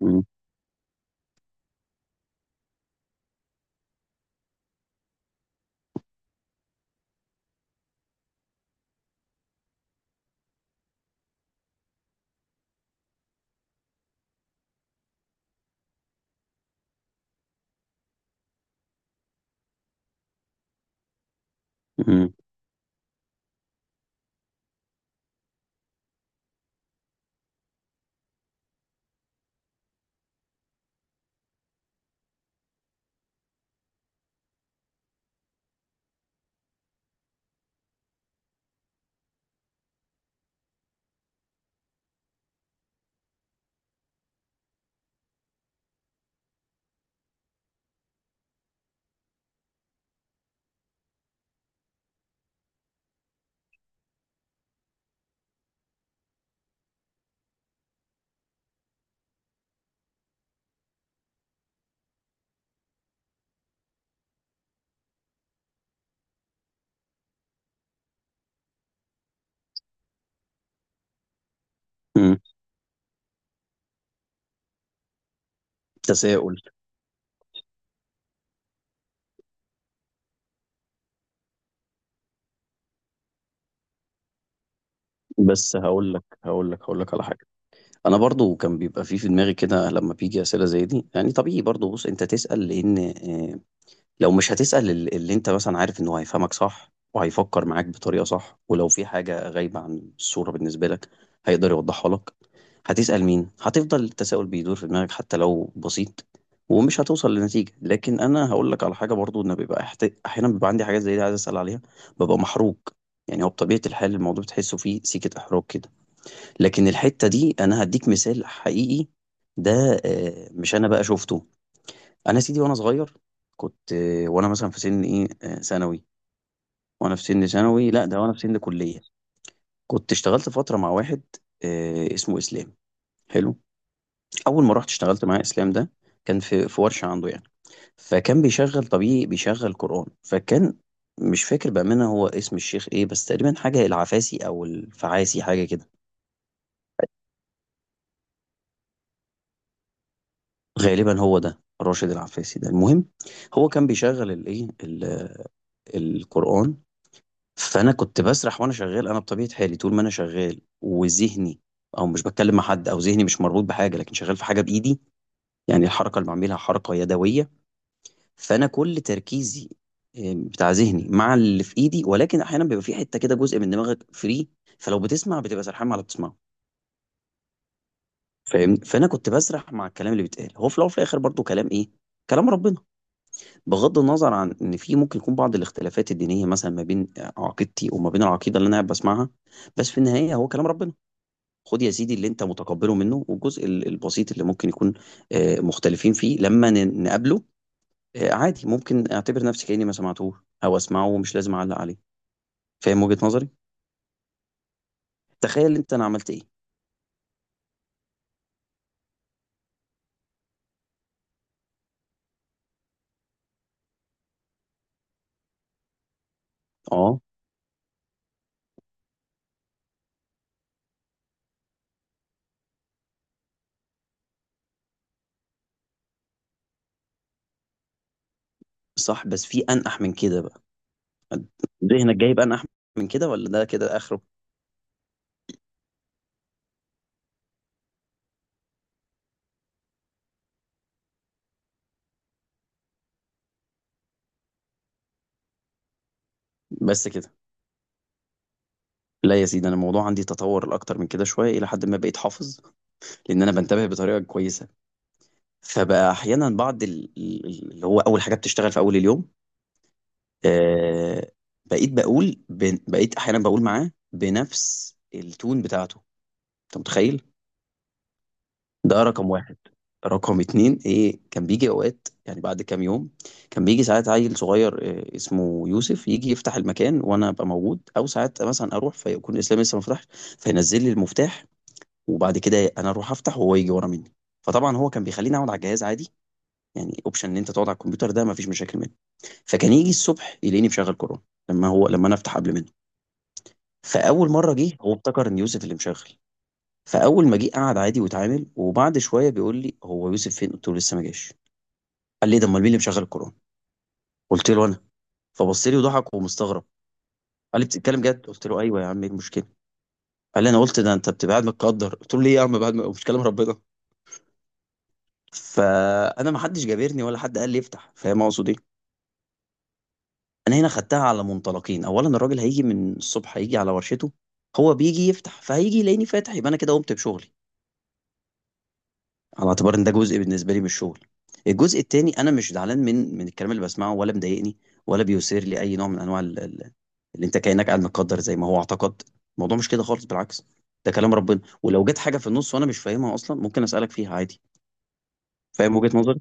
مم. مم. مم. تساؤل. بس هقول لك على حاجه. انا برضو كان بيبقى في دماغي كده لما بيجي اسئله زي دي، يعني طبيعي برضو. بص، انت تسال، لان لو مش هتسأل اللي انت مثلا عارف انه هيفهمك صح وهيفكر معاك بطريقة صح، ولو في حاجة غايبة عن الصورة بالنسبة لك هيقدر يوضحها لك، هتسأل مين؟ هتفضل التساؤل بيدور في دماغك حتى لو بسيط، ومش هتوصل لنتيجة. لكن انا هقول لك على حاجة برضو، ان بيبقى احيانا بيبقى عندي حاجات زي دي عايز اسأل عليها، ببقى محروج. يعني هو بطبيعة الحال الموضوع بتحسه فيه سيكة احراج كده، لكن الحتة دي انا هديك مثال حقيقي. ده مش انا بقى شفته. انا يا سيدي وانا صغير كنت، وانا مثلا في سن ايه، ثانوي. وانا في سن ثانوي، لا ده وانا في سن كليه، كنت اشتغلت فتره مع واحد اسمه اسلام. حلو. اول ما رحت اشتغلت مع اسلام ده، كان في ورشه عنده يعني، فكان بيشغل طبيعي، بيشغل قران. فكان مش فاكر بامانه هو اسم الشيخ ايه، بس تقريبا حاجه العفاسي او الفعاسي، حاجه كده. غالبا هو ده راشد العفاسي، ده المهم. هو كان بيشغل الايه، القران. فانا كنت بسرح وانا شغال. انا بطبيعه حالي طول ما انا شغال وذهني، او مش بتكلم مع حد او ذهني مش مربوط بحاجه، لكن شغال في حاجه بايدي، يعني الحركه اللي بعملها حركه يدويه، فانا كل تركيزي بتاع ذهني مع اللي في ايدي. ولكن احيانا بيبقى في حته كده جزء من دماغك فري، فلو بتسمع بتبقى سرحان مع اللي بتسمعه، فاهمني؟ فانا كنت بسرح مع الكلام اللي بيتقال. هو في الاول وفي الاخر برضو كلام ايه؟ كلام ربنا. بغض النظر عن ان في ممكن يكون بعض الاختلافات الدينيه مثلا ما بين عقيدتي وما بين العقيده اللي انا قاعد بسمعها، بس في النهايه هو كلام ربنا. خد يا سيدي اللي انت متقبله منه، والجزء البسيط اللي ممكن يكون مختلفين فيه لما نقابله، عادي، ممكن اعتبر نفسي كأني ما سمعتوش، او اسمعه ومش لازم اعلق عليه. فاهم وجهة نظري؟ تخيل انت انا عملت ايه. اه، صح، بس في انقح من كده بقى. ذهنك جايب انقح من كده ولا ده كده اخره؟ بس كده. لا يا سيدي، انا الموضوع عندي تطور الاكتر من كده شويه، الى حد ما بقيت حافظ، لان انا بنتبه بطريقه كويسه. فبقى احيانا بعض اللي هو اول حاجه بتشتغل في اول اليوم، آه بقيت احيانا بقول معاه بنفس التون بتاعته. انت متخيل؟ ده رقم واحد. رقم اتنين، ايه كان بيجي اوقات يعني بعد كام يوم، كان بيجي ساعات عيل صغير اسمه يوسف يجي يفتح المكان وانا ابقى موجود، او ساعات مثلا اروح فيكون اسلام لسه ما فتحش، فينزل لي المفتاح وبعد كده انا اروح افتح وهو يجي ورا مني. فطبعا هو كان بيخليني اقعد على الجهاز عادي، يعني اوبشن ان انت تقعد على الكمبيوتر ده ما فيش مشاكل منه. فكان يجي الصبح يلاقيني مشغل كورونا، لما انا افتح قبل منه. فاول مره جه، هو افتكر ان يوسف اللي مشغل. فاول ما جه قعد عادي واتعامل، وبعد شويه بيقول لي هو يوسف فين؟ قلت له لسه ما جاش. قال لي ده امال مين اللي مشغل القران؟ قلت له انا. فبص لي وضحك ومستغرب، قال لي بتتكلم جد؟ قلت له ايوه يا عم، ايه المشكله؟ قال لي انا قلت ده انت بتبقى قاعد متقدر. قلت له ليه يا عم، بعد ما مش كلام ربنا؟ فانا ما حدش جابرني ولا حد قال لي افتح، فاهم اقصد ايه؟ انا هنا خدتها على منطلقين. اولا الراجل هيجي من الصبح، هيجي على ورشته، هو بيجي يفتح، فهيجي يلاقيني فاتح، يبقى انا كده قمت بشغلي، على اعتبار ان ده جزء بالنسبه لي من الشغل. الجزء التاني، انا مش زعلان من الكلام اللي بسمعه ولا مضايقني، ولا بيثير لي اي نوع من انواع اللي انت كانك قاعد متقدر زي ما هو اعتقد. الموضوع مش كده خالص، بالعكس. ده كلام ربنا، ولو جت حاجه في النص وانا مش فاهمها اصلا ممكن اسالك فيها عادي. فاهم وجهه نظري؟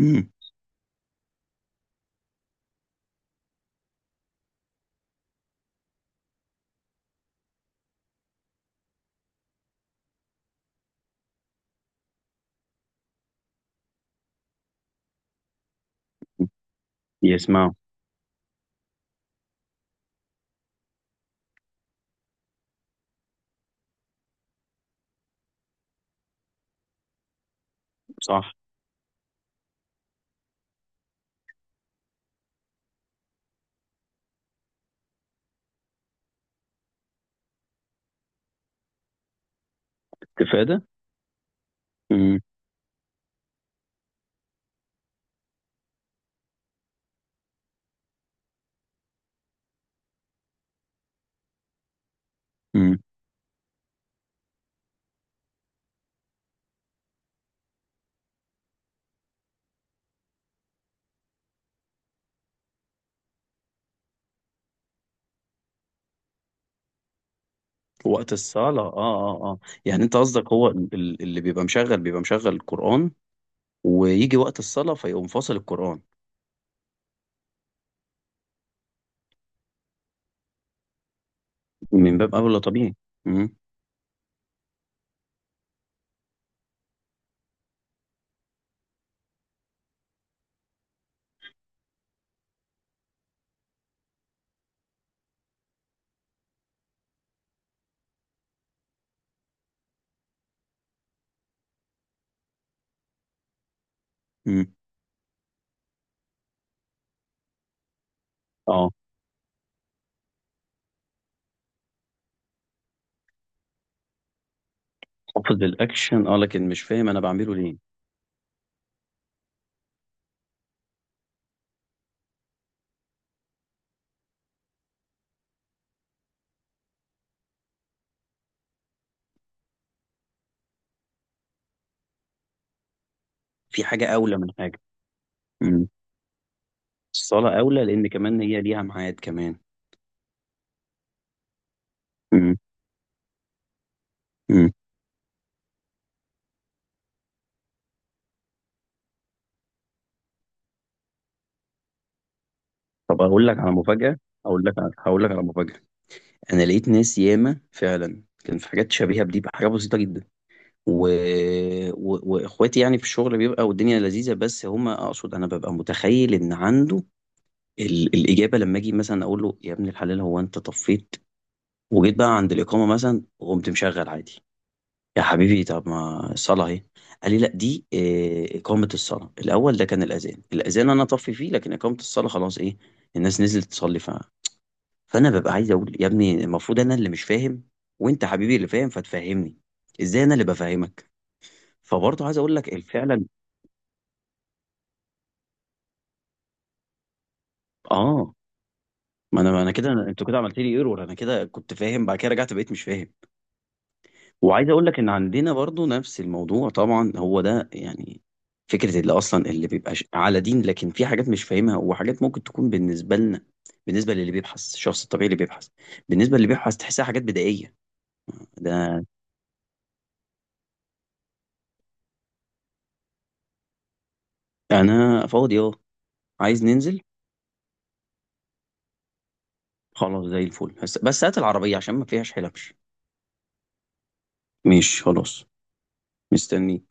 امم. يسمعوا. صح. استفاده. امم، امم. وقت الصلاه، اه. اه، اه. يعني انت قصدك هو اللي بيبقى مشغل القران، ويجي وقت الصلاه فيقوم فاصل القران. من باب اولى طبيعي. مم. امم. اه، حافظ الاكشن، اه، لكن مش فاهم انا بعمله ليه. في حاجه اولى من حاجه. امم. الصلاه اولى، لان كمان هي ليها ميعاد كمان. امم، امم. طب اقول لك على مفاجاه، هقول لك على مفاجاه. انا لقيت ناس ياما فعلا كان في حاجات شبيهه بدي بحاجه بسيطه جدا، و... واخواتي يعني في الشغل بيبقى والدنيا لذيذه، بس هما اقصد انا ببقى متخيل ان عنده الاجابه. لما اجي مثلا اقول له يا ابن الحلال، هو انت طفيت وجيت بقى عند الاقامه مثلا وقمت مشغل عادي؟ يا حبيبي، طب ما الصلاة اهي. قال لي لا، دي إقامة الصلاة. الأول ده كان الأذان، الأذان أنا طفي فيه، لكن إقامة الصلاة خلاص، إيه، الناس نزلت تصلي، فأنا ببقى عايز أقول يا ابني، المفروض أنا اللي مش فاهم وأنت حبيبي اللي فاهم فتفهمني، إزاي أنا اللي بفهمك؟ فبرضه عايز أقول لك فعلا. آه، ما أنا كده، أنتوا كده عملت لي إيرور، أنا كده كنت فاهم، بعد كده رجعت بقيت مش فاهم. وعايز اقول لك ان عندنا برضو نفس الموضوع طبعا، هو ده يعني فكرة اللي اصلا اللي بيبقى على دين لكن في حاجات مش فاهمها، وحاجات ممكن تكون بالنسبة لنا، بالنسبة للي بيبحث الشخص الطبيعي اللي بيبحث، بالنسبة للي بيبحث تحسها حاجات بدائية. ده انا فاضي، اه. عايز ننزل؟ خلاص زي الفل، بس هات العربية عشان ما فيهاش حلبش. ماشي خلاص. مستني.